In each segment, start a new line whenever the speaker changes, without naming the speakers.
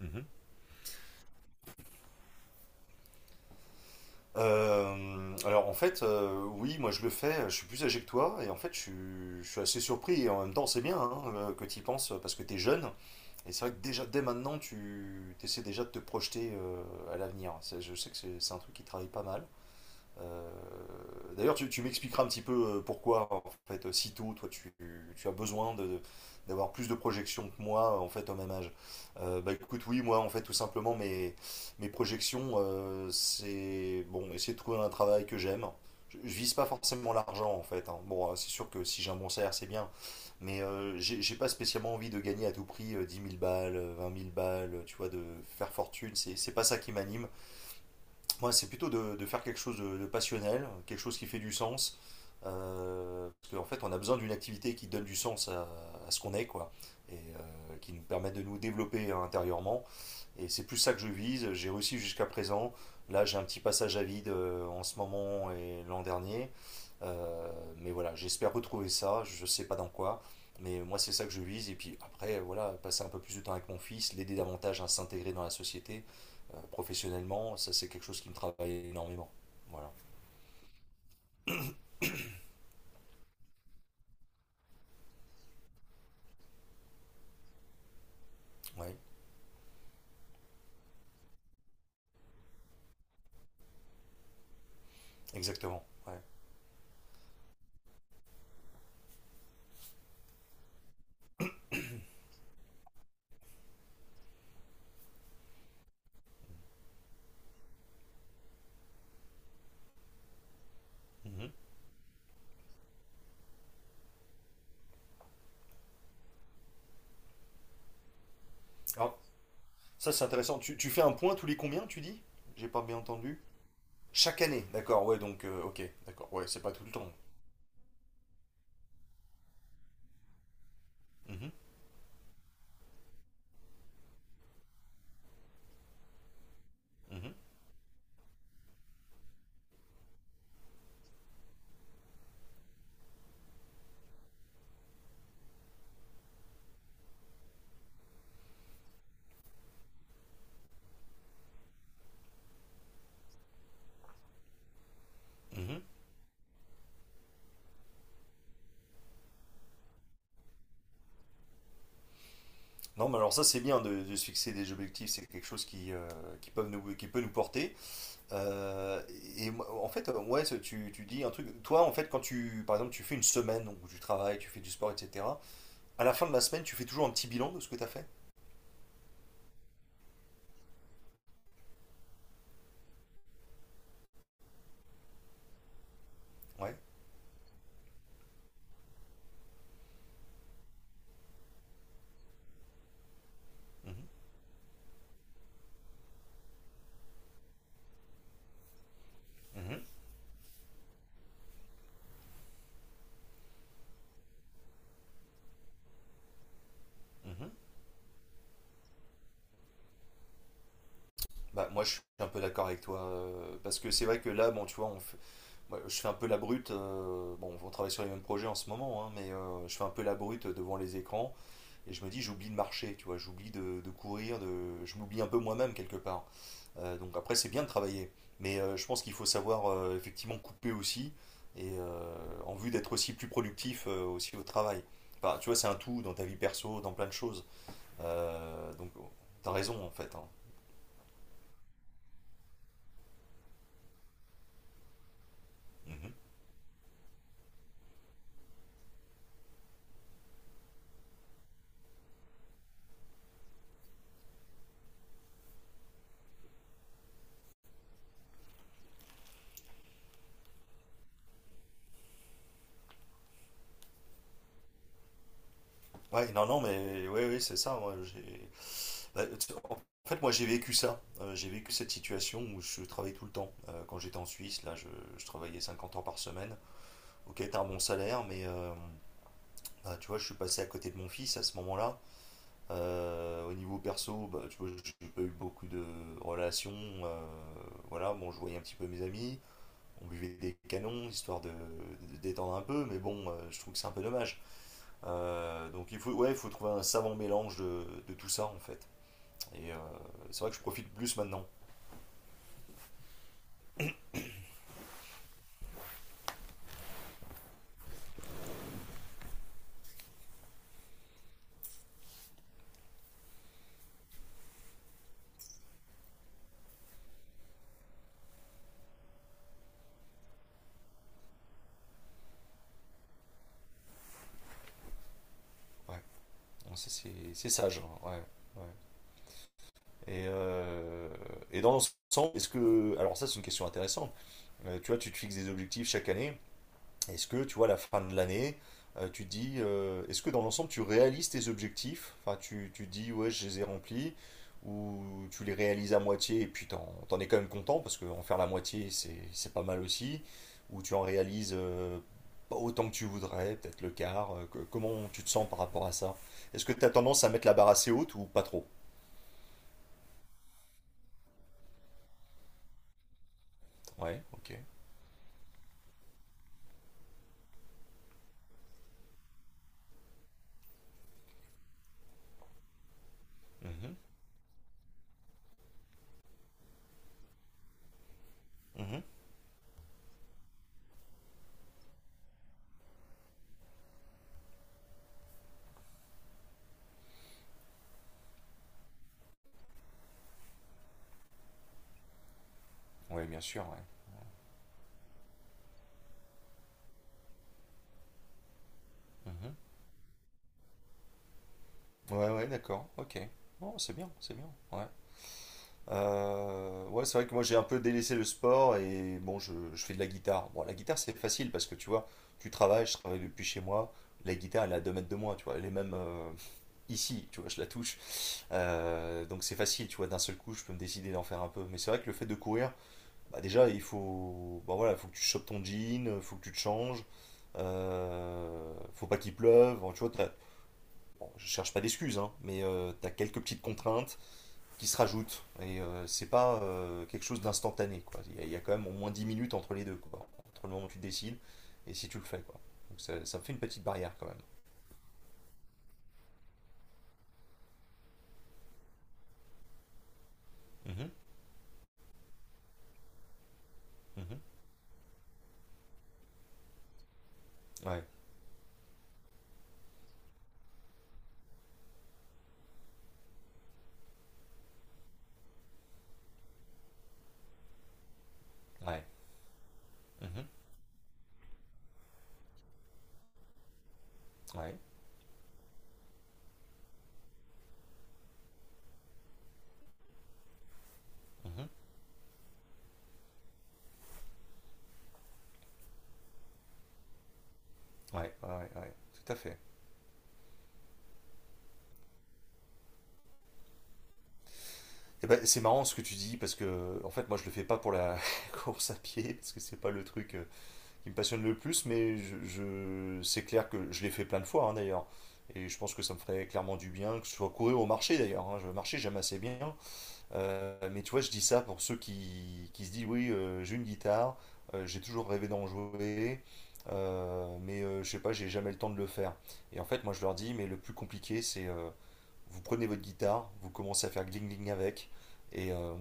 Mhm. Alors en fait, oui, moi je le fais. Je suis plus âgé que toi, et en fait je suis assez surpris, et en même temps c'est bien, hein, que tu y penses, parce que tu es jeune, et c'est vrai que déjà dès maintenant tu essaies déjà de te projeter à l'avenir. Je sais que c'est un truc qui travaille pas mal. Euh, D'ailleurs, tu m'expliqueras un petit peu pourquoi, en fait, si tôt, tu as besoin d'avoir plus de projections que moi, en fait, au même âge. Bah écoute, oui, moi, en fait, tout simplement, mes projections, c'est, bon, essayer de trouver un travail que j'aime. Je vise pas forcément l'argent, en fait, hein. Bon, c'est sûr que si j'ai un bon salaire, c'est bien. Mais j'ai pas spécialement envie de gagner à tout prix 10 000 balles, 20 000 balles, tu vois, de faire fortune. C'est pas ça qui m'anime. Moi, c'est plutôt de faire quelque chose de passionnel, quelque chose qui fait du sens. Parce qu'en fait, on a besoin d'une activité qui donne du sens à ce qu'on est, quoi, et qui nous permet de nous développer intérieurement. Et c'est plus ça que je vise. J'ai réussi jusqu'à présent. Là, j'ai un petit passage à vide en ce moment et l'an dernier. Euh, mais voilà, j'espère retrouver ça. Je ne sais pas dans quoi. Mais moi, c'est ça que je vise. Et puis après, voilà, passer un peu plus de temps avec mon fils, l'aider davantage à s'intégrer dans la société professionnellement. Ça c'est quelque chose qui me travaille énormément. Voilà. Ouais, exactement. Ouais. Mhm. Alors, ça c'est intéressant. Tu fais un point tous les combien, tu dis? J'ai pas bien entendu. Chaque année, d'accord, ouais, donc ok, d'accord, ouais, c'est pas tout le temps. Mhm, mhm, mhm. Non, mais alors ça c'est bien de se fixer des objectifs, c'est quelque chose qui, qui peut nous porter. Euh, et moi, en fait, ouais, ça, tu dis un truc. Toi, en fait, quand tu, par exemple, tu fais une semaine donc, où tu travailles, tu fais du sport, etc. À la fin de la semaine, tu fais toujours un petit bilan de ce que tu as fait. Ouais. Mhm, mhm, mhm. Bah, moi, je suis un peu d'accord avec toi, parce que c'est vrai que là, bon, tu vois, moi, je fais un peu la brute. Bon, on travaille sur les mêmes projets en ce moment, hein, mais je fais un peu la brute devant les écrans. Et je me dis, j'oublie de marcher, tu vois, j'oublie de courir, de, je m'oublie un peu moi-même quelque part. Donc après, c'est bien de travailler. Mais je pense qu'il faut savoir effectivement couper aussi. Et en vue d'être aussi plus productif aussi au travail. Enfin, tu vois, c'est un tout dans ta vie perso, dans plein de choses. Donc, t'as raison en fait, hein. Mhm. Ouais, non, non, mais oui, c'est ça. Moi, j'ai... bah, en fait, moi, j'ai vécu ça. J'ai vécu cette situation où je travaillais tout le temps. Quand j'étais en Suisse, là, je travaillais 50 heures par semaine. Ok, t'as un bon salaire, mais bah, tu vois, je suis passé à côté de mon fils à ce moment-là. Au niveau perso, bah, tu vois, j'ai pas eu beaucoup de relations. euh, voilà, bon, je voyais un petit peu mes amis. On buvait des canons, histoire de détendre un peu, mais bon, je trouve que c'est un peu dommage. Donc il faut, ouais, il faut trouver un savant mélange de tout ça en fait. Et c'est vrai que je profite plus maintenant. Ouais. Non, c'est sage, hein. Ouais. Ouais. Et, euh, et dans l'ensemble, est-ce que... Alors ça c'est une question intéressante. Tu vois, tu te fixes des objectifs chaque année. Est-ce que, tu vois, à la fin de l'année, tu te dis, est-ce que dans l'ensemble, tu réalises tes objectifs? Enfin, tu te dis, ouais, je les ai remplis, ou tu les réalises à moitié et puis t'en es quand même content, parce qu'en faire la moitié, c'est pas mal aussi, ou tu en réalises pas autant que tu voudrais, peut-être le quart. Comment tu te sens par rapport à ça? Est-ce que tu as tendance à mettre la barre assez haute ou pas trop? Ouais, ok. Mhm, mhm. Ouais, bien sûr, ouais. Mhm. Ouais, ouais, d'accord, ok. Oh, c'est bien, ouais. Ouais, c'est vrai que moi j'ai un peu délaissé le sport et bon, je fais de la guitare. Bon, la guitare c'est facile parce que tu vois, je travaille depuis chez moi. La guitare elle est à 2 mètres de moi, tu vois, elle est même ici, tu vois, je la touche. Donc c'est facile, tu vois, d'un seul coup je peux me décider d'en faire un peu. Mais c'est vrai que le fait de courir, bah, déjà il faut, bah, voilà, faut que tu chopes ton jean, faut que tu te changes, faut pas qu'il pleuve. Bon, tu vois, bon, je cherche pas d'excuses, hein, mais tu as quelques petites contraintes qui se rajoutent. Et c'est pas quelque chose d'instantané, quoi. Il y a quand même au moins 10 minutes entre les deux, quoi. Entre le moment où tu décides et si tu le fais, quoi. Donc ça me fait une petite barrière quand même. Mhm, mhm. Ouais, ouais, mhm, ouais, mhm, ouais, ouais, ouais, ouais, tout à fait. Et ben, c'est marrant ce que tu dis parce que en fait moi je le fais pas pour la course à pied parce que c'est pas le truc qui me passionne le plus mais c'est clair que je l'ai fait plein de fois, hein, d'ailleurs et je pense que ça me ferait clairement du bien que ce soit courir au marché d'ailleurs, hein. Je marchais, j'aime assez bien. Mais tu vois, je dis ça pour ceux qui se disent, oui, j'ai une guitare, j'ai toujours rêvé d'en jouer, mais je sais pas, j'ai jamais le temps de le faire. Et en fait, moi, je leur dis, mais le plus compliqué, c'est vous prenez votre guitare, vous commencez à faire gling gling avec, et euh,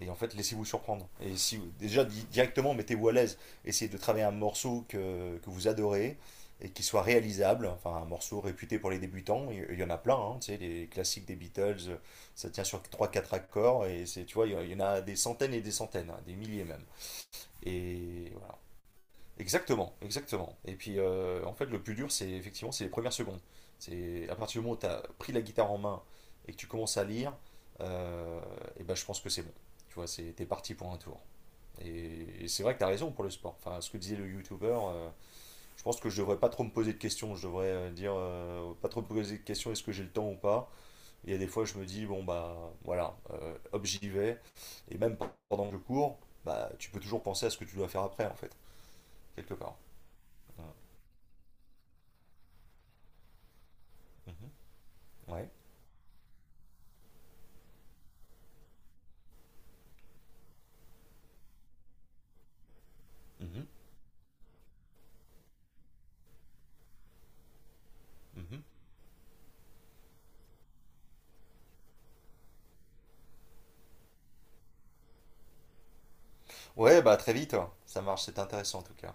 et en fait, laissez-vous surprendre. Et si déjà directement, mettez-vous à l'aise. Essayez de travailler un morceau que vous adorez et qui soit réalisable. Enfin, un morceau réputé pour les débutants. Il y en a plein, hein, tu sais, les classiques des Beatles, ça tient sur trois quatre accords. Et c'est, tu vois, il y en a des centaines et des centaines, hein, des milliers même. Et voilà. Exactement, exactement. Et puis en fait, le plus dur, c'est effectivement c'est les premières secondes. C'est à partir du moment où tu as pris la guitare en main et que tu commences à lire, euh, et ben je pense que c'est bon. Tu vois, c'est t'es parti pour un tour. Et c'est vrai que tu as raison pour le sport. Enfin, ce que disait le youtubeur, je pense que je devrais pas trop me poser de questions. Je devrais dire pas trop me poser de questions, est-ce que j'ai le temps ou pas. Il y a des fois, je me dis bon bah voilà, hop j'y vais. Et même pendant que je cours, bah tu peux toujours penser à ce que tu dois faire après en fait, quelque part. Voilà. Mhm. Ouais. Mhm, mhm. Ouais, bah très vite, hein. Ça marche, c'est intéressant en tout cas.